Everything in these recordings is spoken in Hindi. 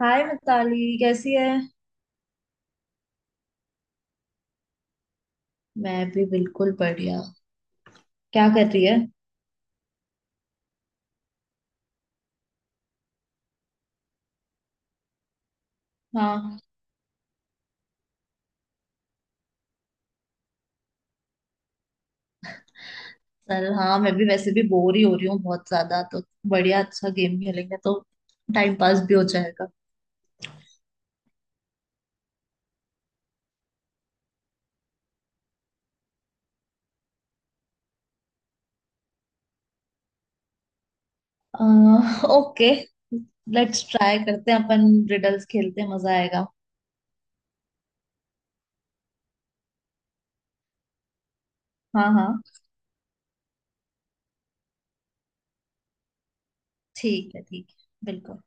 हाय मिताली, कैसी है। मैं भी बिल्कुल बढ़िया। क्या कर रही है। हाँ, चल हाँ, मैं भी वैसे भी बोर ही हो रही हूँ बहुत ज्यादा, तो बढ़िया, अच्छा गेम खेलेंगे तो टाइम पास भी हो जाएगा। ओके, लेट्स ट्राई करते हैं, अपन रिडल्स खेलते हैं, मजा आएगा। हाँ हाँ, ठीक है ठीक है, बिल्कुल।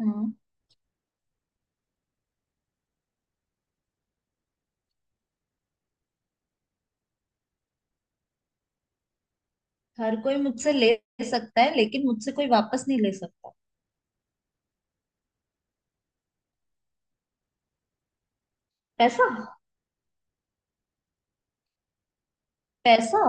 हम्म। हर कोई मुझसे ले सकता है लेकिन मुझसे कोई वापस नहीं ले सकता। पैसा। पैसा।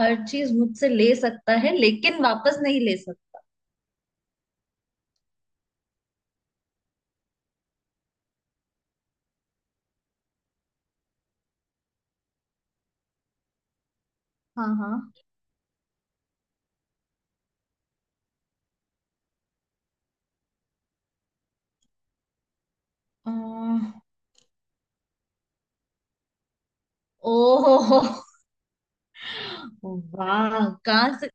हर चीज मुझसे ले सकता है लेकिन वापस नहीं ले सकता। हाँ हाँ। अह, ओहो, वाह, कहाँ से,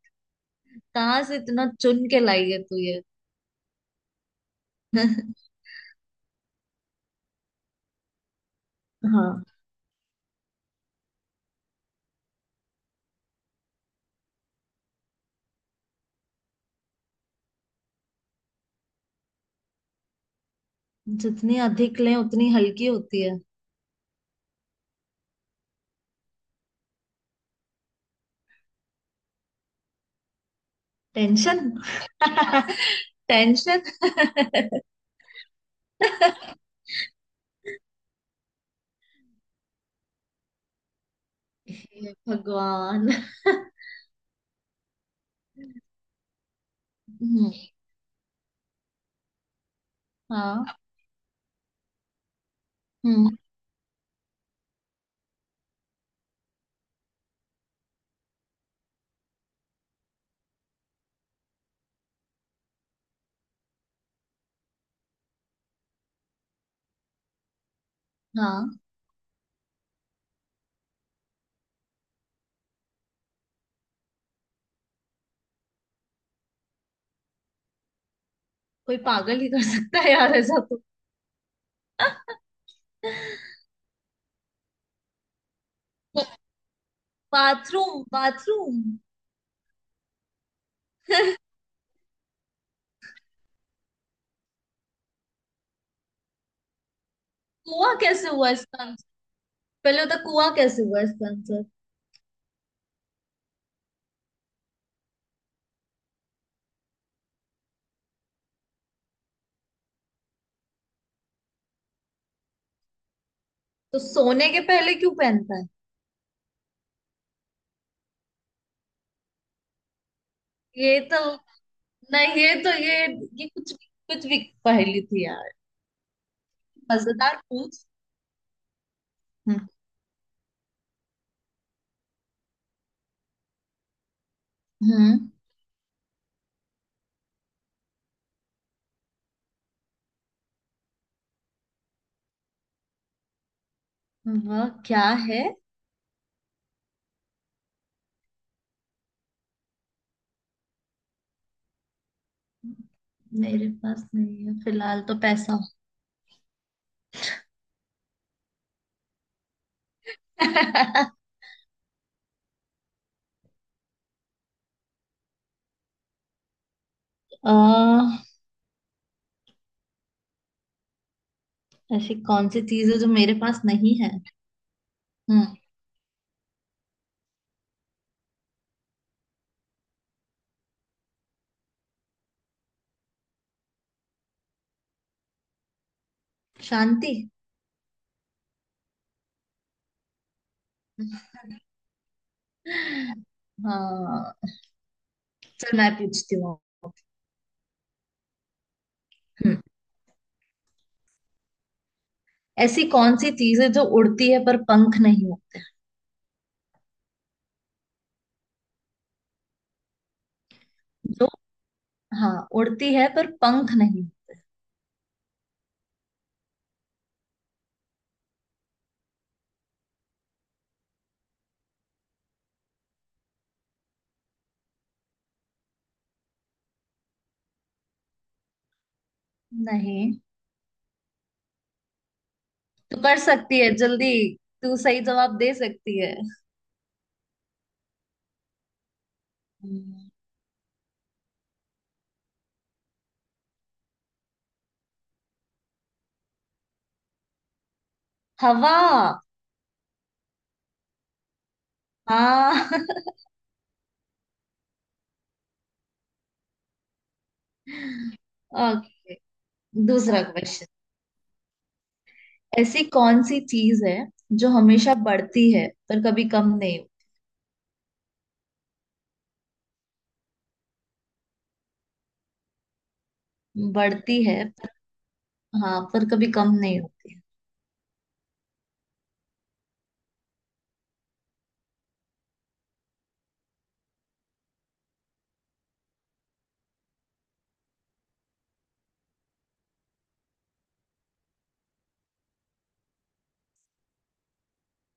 कहाँ से इतना चुन के लाई है तू ये। हाँ। जितनी अधिक लें उतनी हल्की होती है। टेंशन। टेंशन। हे भगवान। हम्म। हाँ। हम्म। हाँ। कोई पागल ही कर सकता है यार ऐसा तो। Bathroom bathroom. कुआं कैसे हुआ इसका आंसर। पहले होता, कुआं कैसे हुआ इसका आंसर। तो सोने के पहले क्यों पहनता है। ये तो नहीं, ये तो ये कुछ भी, कुछ भी पहेली थी यार। मजेदार पूछ। हम्म। हम्म। वह क्या है। मेरे पास नहीं है फिलहाल तो पैसा। अह, ऐसी कौन सी चीज है जो मेरे पास नहीं है। हम्म। शांति। हाँ। चल मैं पूछती हूँ। हम्म। ऐसी कौन सी चीज है जो उड़ती है पर पंख नहीं होते। जो, हाँ उड़ती है पर पंख नहीं होते। नहीं। तू कर सकती है जल्दी, तू सही जवाब दे सकती है। हम्म। हवा। हाँ। ओके। दूसरा क्वेश्चन। ऐसी कौन सी चीज है जो हमेशा बढ़ती है पर कभी कम नहीं हो-, बढ़ती है पर, हाँ पर कभी कम नहीं होती।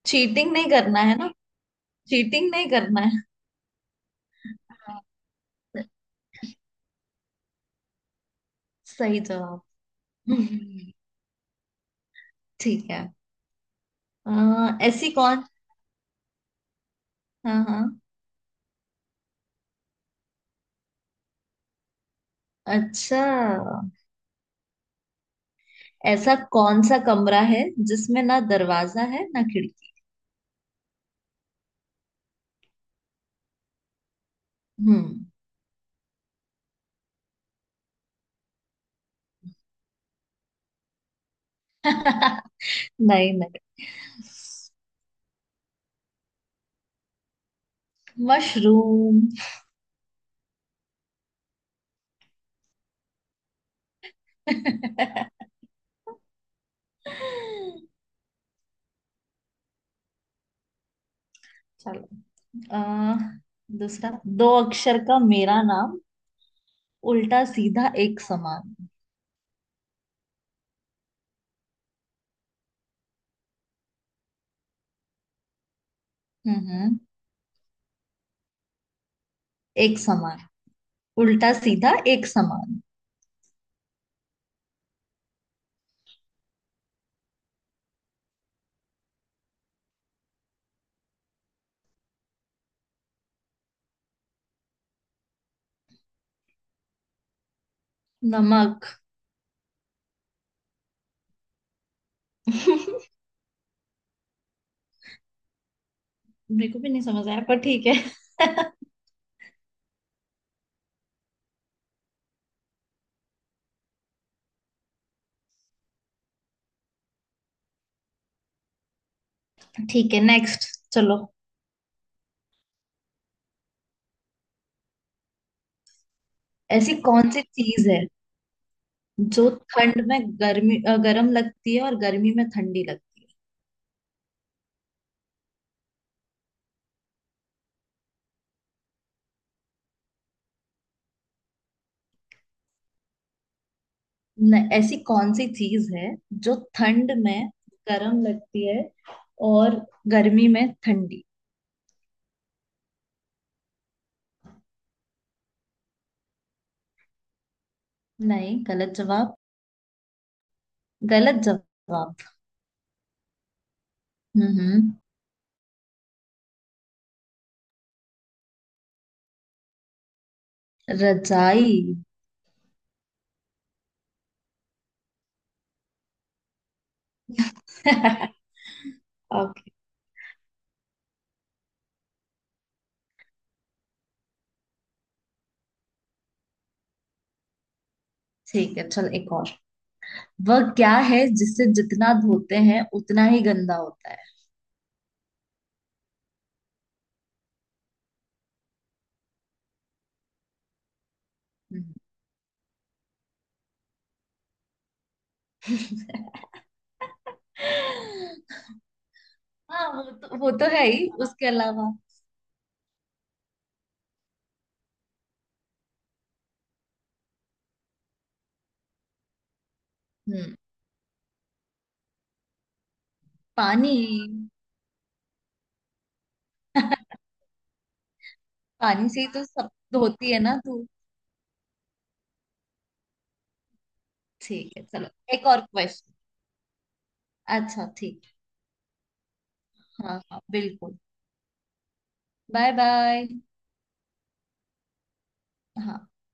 चीटिंग नहीं करना है ना, चीटिंग नहीं करना है। हाँ। सही जवाब। हम्म। ठीक है। ऐसी कौन, हाँ हाँ, अच्छा ऐसा कौन सा कमरा है जिसमें ना दरवाजा है ना खिड़की। हम्म। नहीं नहीं। मशरूम। चलो। आ, दूसरा। दो अक्षर का मेरा नाम, उल्टा सीधा एक समान। हम्म। एक समान, उल्टा सीधा एक समान। नमक। मेरे को भी नहीं समझ आया पर ठीक है। ठीक है, नेक्स्ट। चलो। ऐसी कौन सी चीज है जो ठंड में गर्मी गर्म लगती है और गर्मी में ठंडी लगती है न। ऐसी कौन सी चीज है जो ठंड में गर्म लगती है और गर्मी में ठंडी। नहीं, गलत जवाब। गलत जवाब। हम्म। हम्म। रजाई। ओके। ठीक है, चल एक और। वह क्या है जिसे जितना धोते हैं उतना ही गंदा होता है। हम्म। हाँ, वो तो है ही, उसके अलावा। हम्म। पानी। पानी से ही तो सब धोती है ना तू। ठीक है, चलो एक और क्वेश्चन। अच्छा ठीक। हाँ हाँ बिल्कुल। Bye bye. हाँ।